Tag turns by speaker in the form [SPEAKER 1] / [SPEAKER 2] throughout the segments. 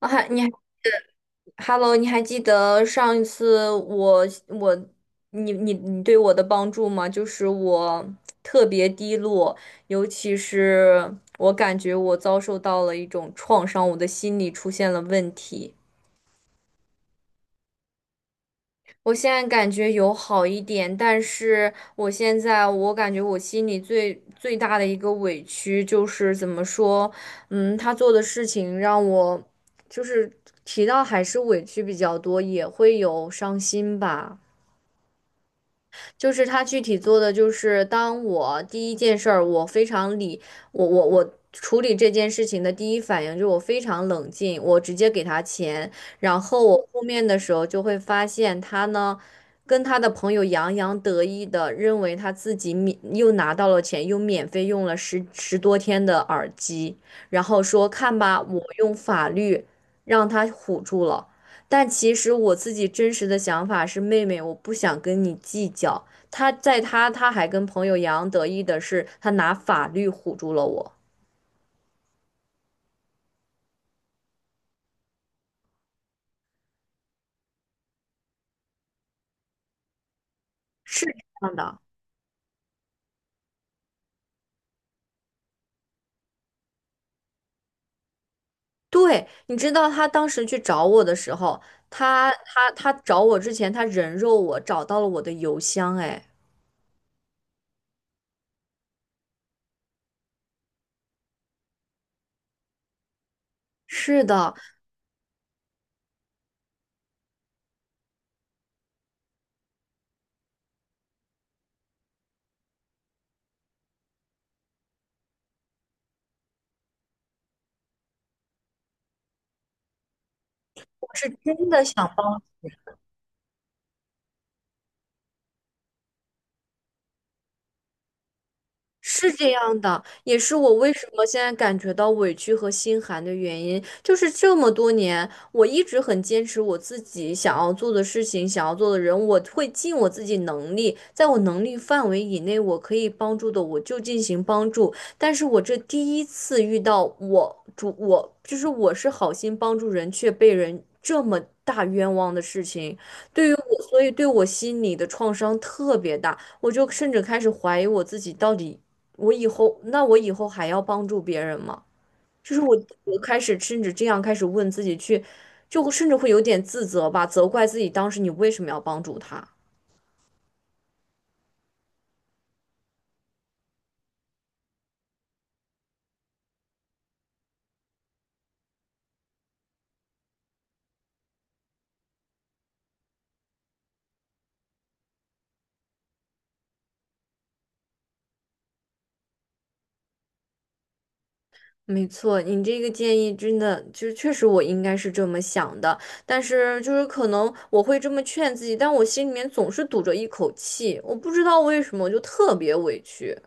[SPEAKER 1] 啊，还，Hello，你还记得上一次我你对我的帮助吗？就是我特别低落，尤其是我感觉我遭受到了一种创伤，我的心理出现了问题。我现在感觉有好一点，但是我现在感觉我心里最大的一个委屈就是怎么说，他做的事情让我就是提到还是委屈比较多，也会有伤心吧。就是他具体做的就是，当我第一件事儿，我非常理，我处理这件事情的第一反应就是我非常冷静，我直接给他钱，然后我后面的时候就会发现他呢，跟他的朋友洋洋得意的认为他自己免又拿到了钱，又免费用了十多天的耳机，然后说看吧，我用法律让他唬住了。但其实我自己真实的想法是，妹妹，我不想跟你计较，他在他他还跟朋友洋洋得意的是，他拿法律唬住了我，是这样的。对，你知道他当时去找我的时候，他找我之前，他人肉我，找到了我的邮箱。哎，是的，我是真的想是这样的，也是我为什么现在感觉到委屈和心寒的原因，就是这么多年，我一直很坚持我自己想要做的事情，想要做的人，我会尽我自己能力，在我能力范围以内，我可以帮助的，我就进行帮助。但是我这第一次遇到我是好心帮助人，却被人这么大冤枉的事情，对于我，所以对我心里的创伤特别大。我就甚至开始怀疑我自己到底我以后，那我以后还要帮助别人吗？就是我，我开始甚至这样开始问自己去，就甚至会有点自责吧，责怪自己当时你为什么要帮助他。没错，你这个建议真的就是确实我应该是这么想的，但是就是可能我会这么劝自己，但我心里面总是堵着一口气，我不知道为什么，我就特别委屈。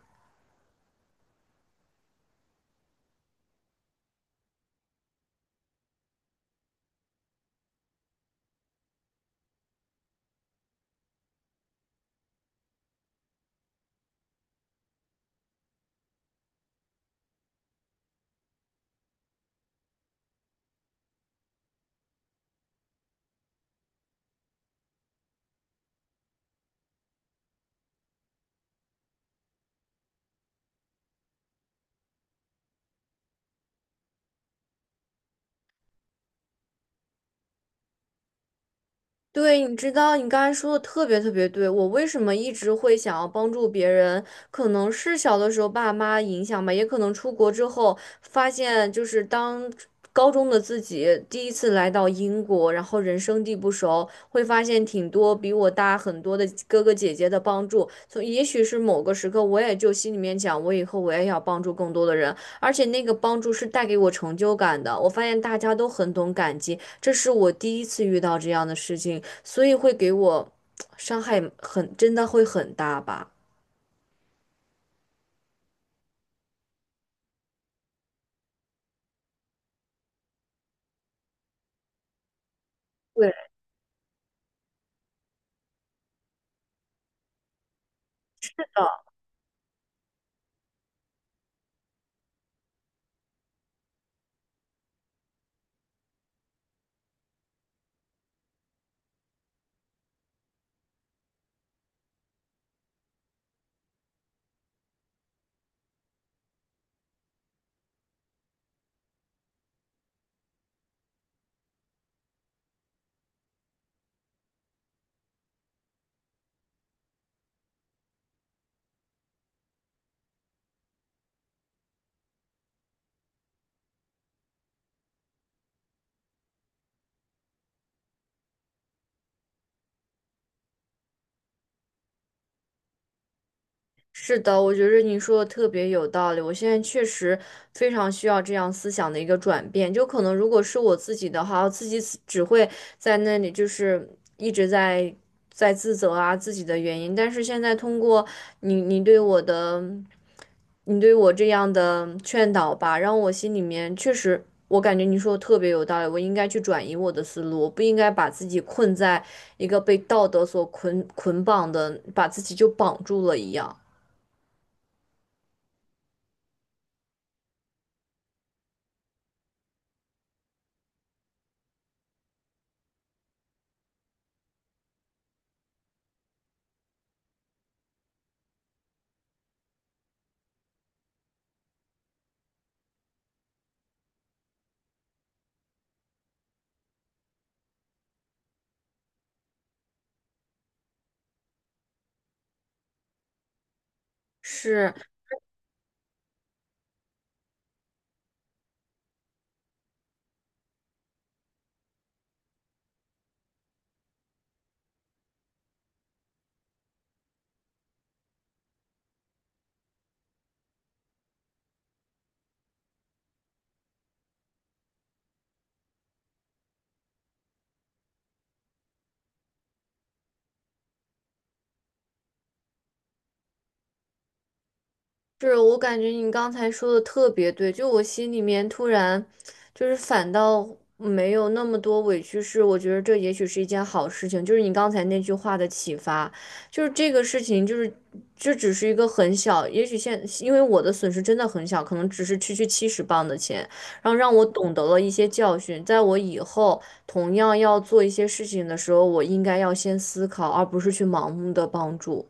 [SPEAKER 1] 对，你知道你刚才说的特别特别对，我为什么一直会想要帮助别人，可能是小的时候爸妈影响吧，也可能出国之后发现，就是当高中的自己第一次来到英国，然后人生地不熟，会发现挺多比我大很多的哥哥姐姐的帮助，所以也许是某个时刻，我也就心里面讲，我以后我也要帮助更多的人，而且那个帮助是带给我成就感的，我发现大家都很懂感激，这是我第一次遇到这样的事情，所以会给我伤害很，真的会很大吧。对的，是的，我觉得你说的特别有道理。我现在确实非常需要这样思想的一个转变。就可能如果是我自己的话，我自己只会在那里就是一直在在自责啊自己的原因。但是现在通过你你对我的你对我这样的劝导吧，让我心里面确实，我感觉你说的特别有道理，我应该去转移我的思路，我不应该把自己困在一个被道德所捆绑的，把自己就绑住了一样。是，是我感觉你刚才说的特别对，就我心里面突然，就是反倒没有那么多委屈，是我觉得这也许是一件好事情，就是你刚才那句话的启发，就是这个事情，就是这只是一个很小，也许现因为我的损失真的很小，可能只是区区70磅的钱，然后让我懂得了一些教训，在我以后同样要做一些事情的时候，我应该要先思考，而不是去盲目的帮助。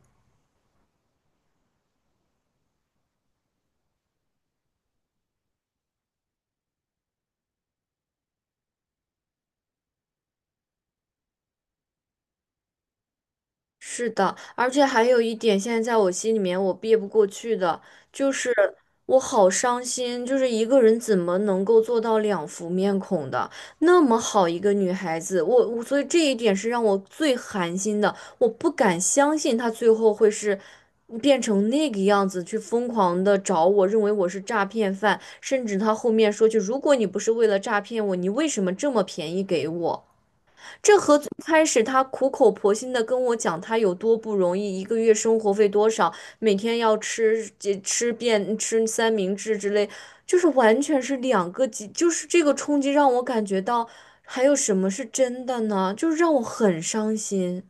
[SPEAKER 1] 是的，而且还有一点，现在在我心里面我憋不过去的，就是我好伤心，就是一个人怎么能够做到两副面孔的？那么好一个女孩子，我所以这一点是让我最寒心的，我不敢相信她最后会是变成那个样子，去疯狂的找我，认为我是诈骗犯，甚至她后面说句，如果你不是为了诈骗我，你为什么这么便宜给我？开始他苦口婆心的跟我讲他有多不容易，一个月生活费多少，每天要吃这吃遍吃三明治之类，就是完全是两个极，就是这个冲击让我感觉到还有什么是真的呢？就是让我很伤心。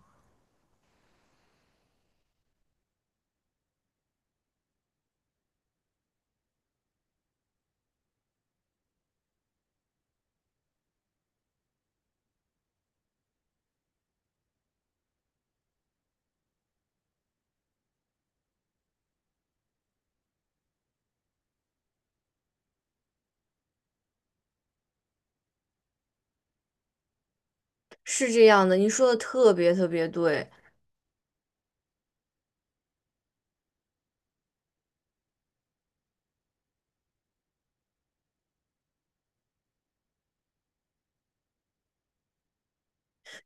[SPEAKER 1] 是这样的，你说的特别特别对。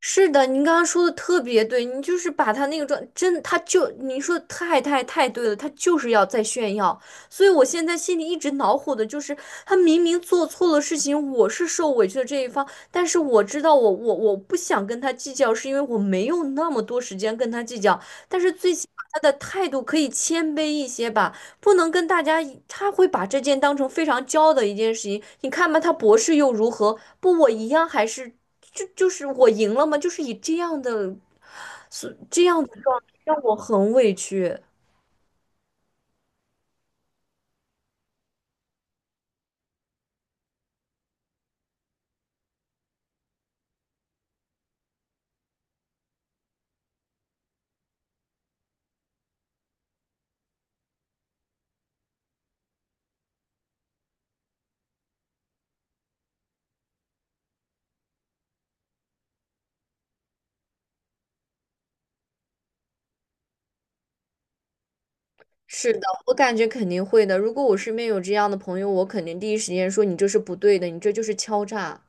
[SPEAKER 1] 是的，您刚刚说的特别对，你就是把他那个状，真的他就您说的太对了，他就是要在炫耀，所以我现在心里一直恼火的就是，他明明做错了事情，我是受委屈的这一方，但是我知道我不想跟他计较，是因为我没有那么多时间跟他计较，但是最起码他的态度可以谦卑一些吧。不能跟大家一他会把这件当成非常骄傲的一件事情。你看吧，他博士又如何？不，我一样还是，就是我赢了吗？就是以这样的，所这样的状态让我很委屈。是的，我感觉肯定会的。如果我身边有这样的朋友，我肯定第一时间说你这是不对的，你这就是敲诈。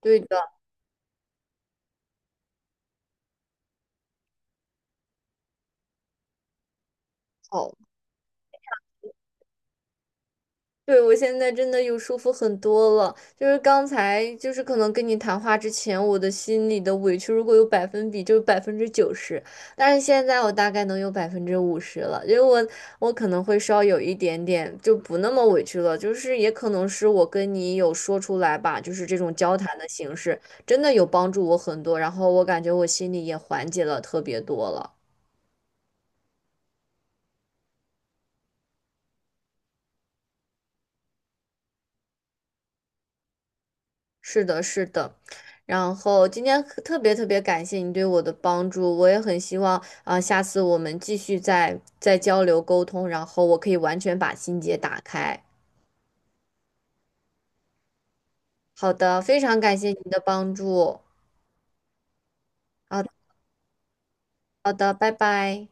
[SPEAKER 1] 对的，好。对，我现在真的有舒服很多了。就是刚才，就是可能跟你谈话之前，我的心里的委屈如果有百分比，就是90%。但是现在我大概能有50%了，因为我可能会稍有一点点就不那么委屈了，就是也可能是我跟你有说出来吧，就是这种交谈的形式真的有帮助我很多，然后我感觉我心里也缓解了特别多了。是的，是的。然后今天可特别特别感谢你对我的帮助，我也很希望啊，下次我们继续再交流沟通，然后我可以完全把心结打开。好的，非常感谢你的帮助。好的好的，拜拜。